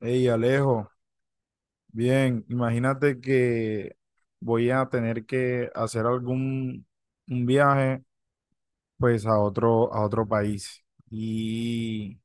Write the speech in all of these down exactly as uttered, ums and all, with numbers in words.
Hey, Alejo, bien, imagínate que voy a tener que hacer algún un viaje pues a otro a otro país y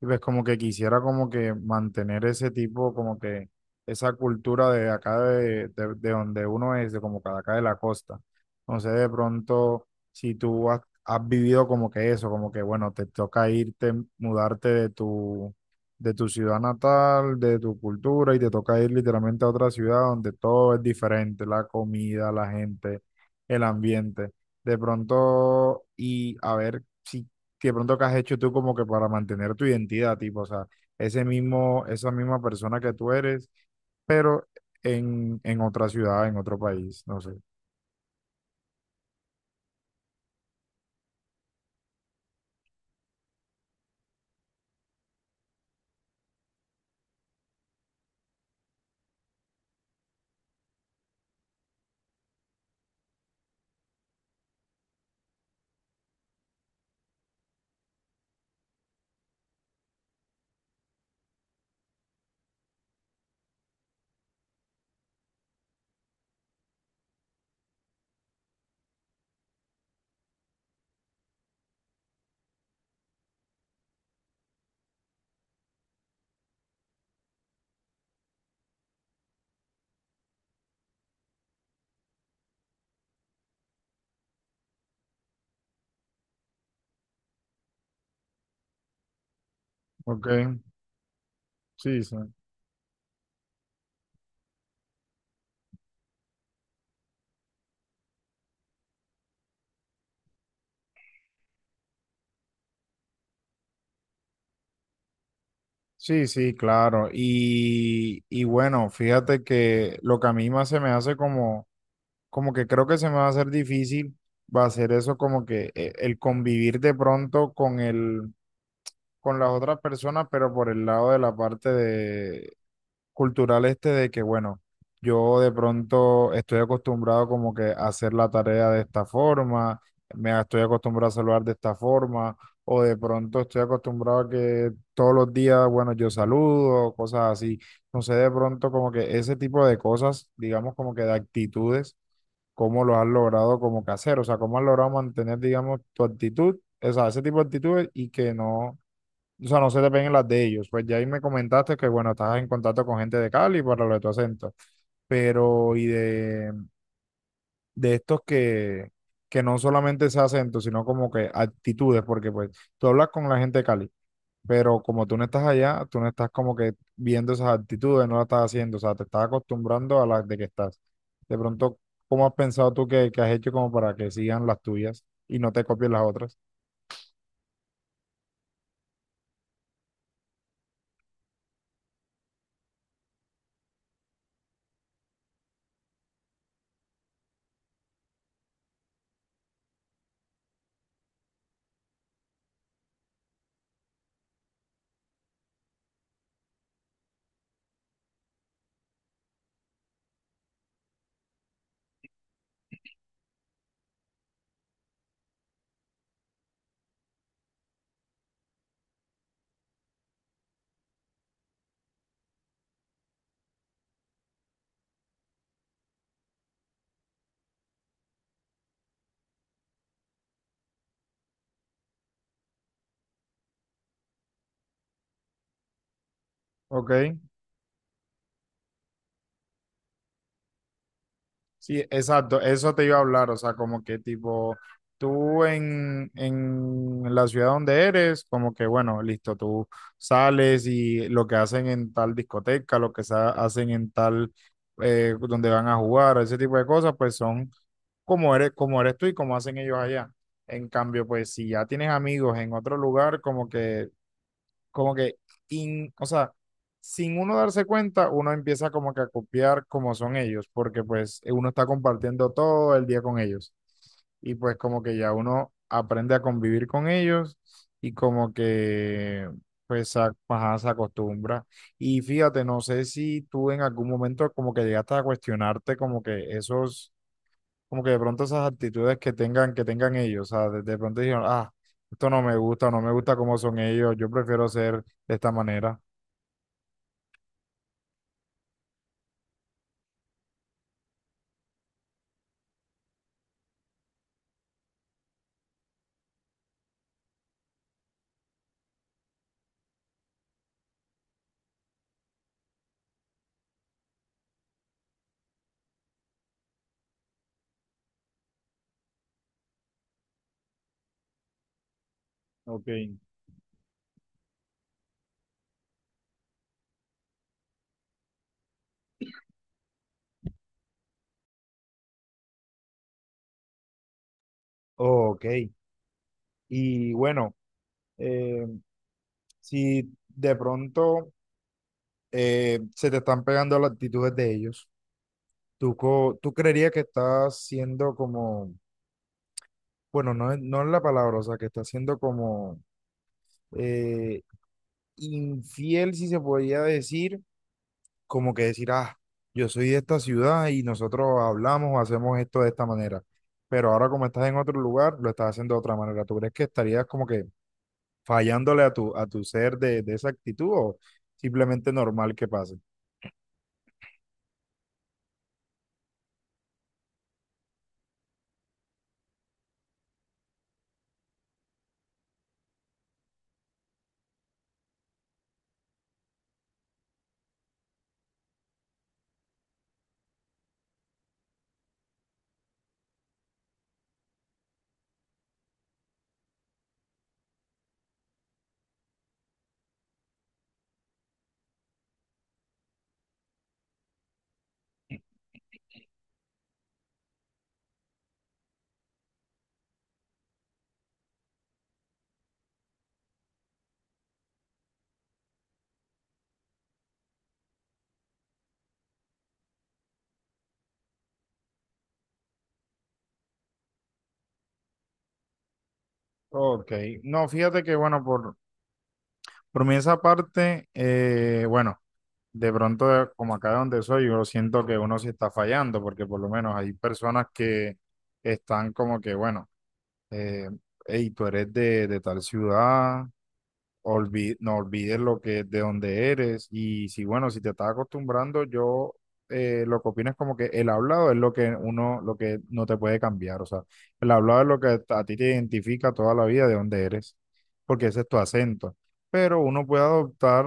y pues como que quisiera como que mantener ese tipo, como que esa cultura de acá de, de, de donde uno es, de como que de acá de la costa. Entonces de pronto, si tú has, has vivido como que eso, como que bueno, te toca irte, mudarte de tu, de tu ciudad natal, de tu cultura, y te toca ir literalmente a otra ciudad donde todo es diferente, la comida, la gente, el ambiente. De pronto, y a ver si que de pronto que has hecho tú como que para mantener tu identidad, tipo, o sea, ese mismo, esa misma persona que tú eres, pero en, en otra ciudad, en otro país, no sé. Ok, sí, sí. Sí, sí, claro. Y, y bueno, fíjate que lo que a mí más se me hace como, como que creo que se me va a hacer difícil, va a ser eso como que eh, el convivir de pronto con el, con las otras personas, pero por el lado de la parte de cultural este de que, bueno, yo de pronto estoy acostumbrado como que a hacer la tarea de esta forma, me estoy acostumbrado a saludar de esta forma, o de pronto estoy acostumbrado a que todos los días, bueno, yo saludo, cosas así. No sé, de pronto como que ese tipo de cosas, digamos como que de actitudes, cómo lo has logrado como que hacer, o sea, cómo has logrado mantener, digamos, tu actitud, o sea, ese tipo de actitudes y que no o sea, no se te peguen las de ellos. Pues ya ahí me comentaste que, bueno, estás en contacto con gente de Cali para lo de tu acento. Pero, y de, de estos que, que no solamente es acento, sino como que actitudes, porque pues tú hablas con la gente de Cali, pero como tú no estás allá, tú no estás como que viendo esas actitudes, no las estás haciendo, o sea, te estás acostumbrando a las de que estás. De pronto, ¿cómo has pensado tú que, que has hecho como para que sigan las tuyas y no te copien las otras? ¿Ok? Sí, exacto, eso te iba a hablar, o sea, como que tipo, tú en, en la ciudad donde eres, como que bueno, listo, tú sales y lo que hacen en tal discoteca, lo que sa- hacen en tal, eh, donde van a jugar, ese tipo de cosas, pues son como eres, como eres tú y como hacen ellos allá. En cambio, pues si ya tienes amigos en otro lugar, como que como que, in- o sea, sin uno darse cuenta, uno empieza como que a copiar como son ellos, porque pues uno está compartiendo todo el día con ellos. Y pues como que ya uno aprende a convivir con ellos y como que pues a- ajá, se acostumbra. Y fíjate, no sé si tú en algún momento como que llegaste a cuestionarte como que esos como que de pronto esas actitudes que tengan, que tengan ellos, o sea, de, de pronto dijeron, ah, esto no me gusta, no me gusta cómo son ellos, yo prefiero ser de esta manera. Ok, ok. Y bueno, eh, si de pronto eh, se te están pegando las actitudes de ellos, ¿tú, co- tú creerías que estás siendo como, bueno, no es, no es la palabra, o sea, que estás siendo como eh, infiel, si se podría decir, como que decir, ah, yo soy de esta ciudad y nosotros hablamos o hacemos esto de esta manera. Pero ahora como estás en otro lugar, lo estás haciendo de otra manera. ¿Tú crees que estarías como que fallándole a tu, a tu ser de, de esa actitud o simplemente normal que pase? Ok, no, fíjate que bueno, por, por mí esa parte, eh, bueno, de pronto eh, como acá donde soy, yo siento que uno sí está fallando porque por lo menos hay personas que están como que, bueno, eh, hey, tú eres de, de tal ciudad olvi- no olvides lo que de dónde eres y si bueno, si te estás acostumbrando, yo eh, lo que opino es como que el hablado es lo que uno, lo que no te puede cambiar, o sea, el hablado es lo que a ti te identifica toda la vida de dónde eres, porque ese es tu acento, pero uno puede adoptar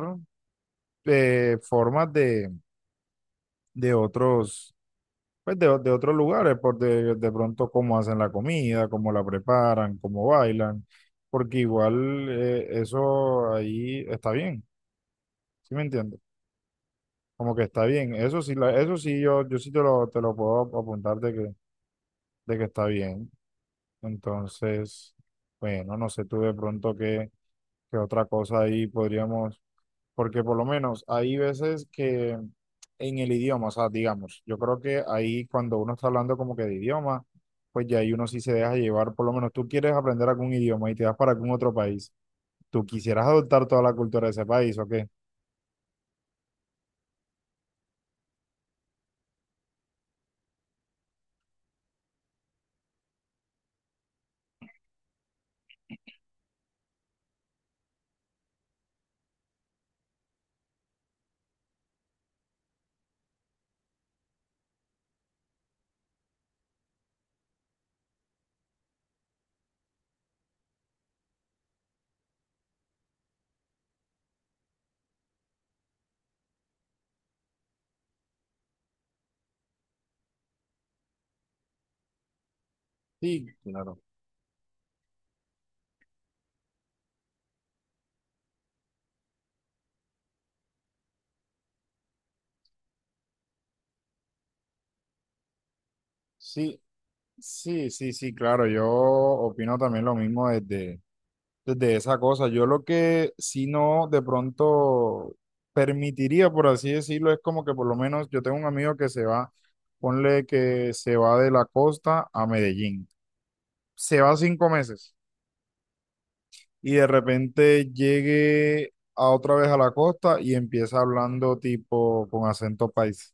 eh, formas de, de otros, pues de, de otros lugares, por de, de pronto cómo hacen la comida, cómo la preparan, cómo bailan, porque igual eh, eso ahí está bien. ¿Sí me entiendes? Como que está bien. Eso sí, la- eso sí, yo, yo sí te lo, te lo puedo ap- apuntar de que, de que está bien. Entonces, bueno, no sé tú de pronto qué, qué otra cosa ahí podríamos, porque por lo menos hay veces que en el idioma, o sea, digamos, yo creo que ahí cuando uno está hablando como que de idioma, pues ya ahí uno sí se deja llevar, por lo menos tú quieres aprender algún idioma y te vas para algún otro país. ¿Tú quisieras adoptar toda la cultura de ese país o qué? Sí, claro. Sí, sí, sí, sí, claro, yo opino también lo mismo desde, desde esa cosa. Yo lo que si no de pronto permitiría, por así decirlo, es como que por lo menos yo tengo un amigo que se va, ponle que se va de la costa a Medellín, se va cinco meses y de repente llegue a otra vez a la costa y empieza hablando tipo con acento paisa.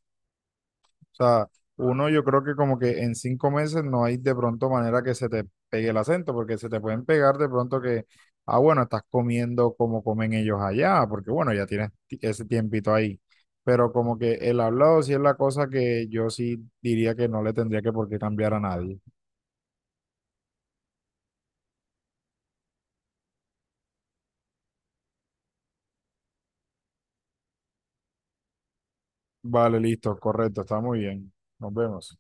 O sea, uno yo creo que como que en cinco meses no hay de pronto manera que se te pegue el acento, porque se te pueden pegar de pronto que, ah, bueno, estás comiendo como comen ellos allá, porque bueno, ya tienes ti- ese tiempito ahí. Pero como que el hablado sí es la cosa que yo sí diría que no le tendría que por qué cambiar a nadie. Vale, listo, correcto, está muy bien. Nos vemos.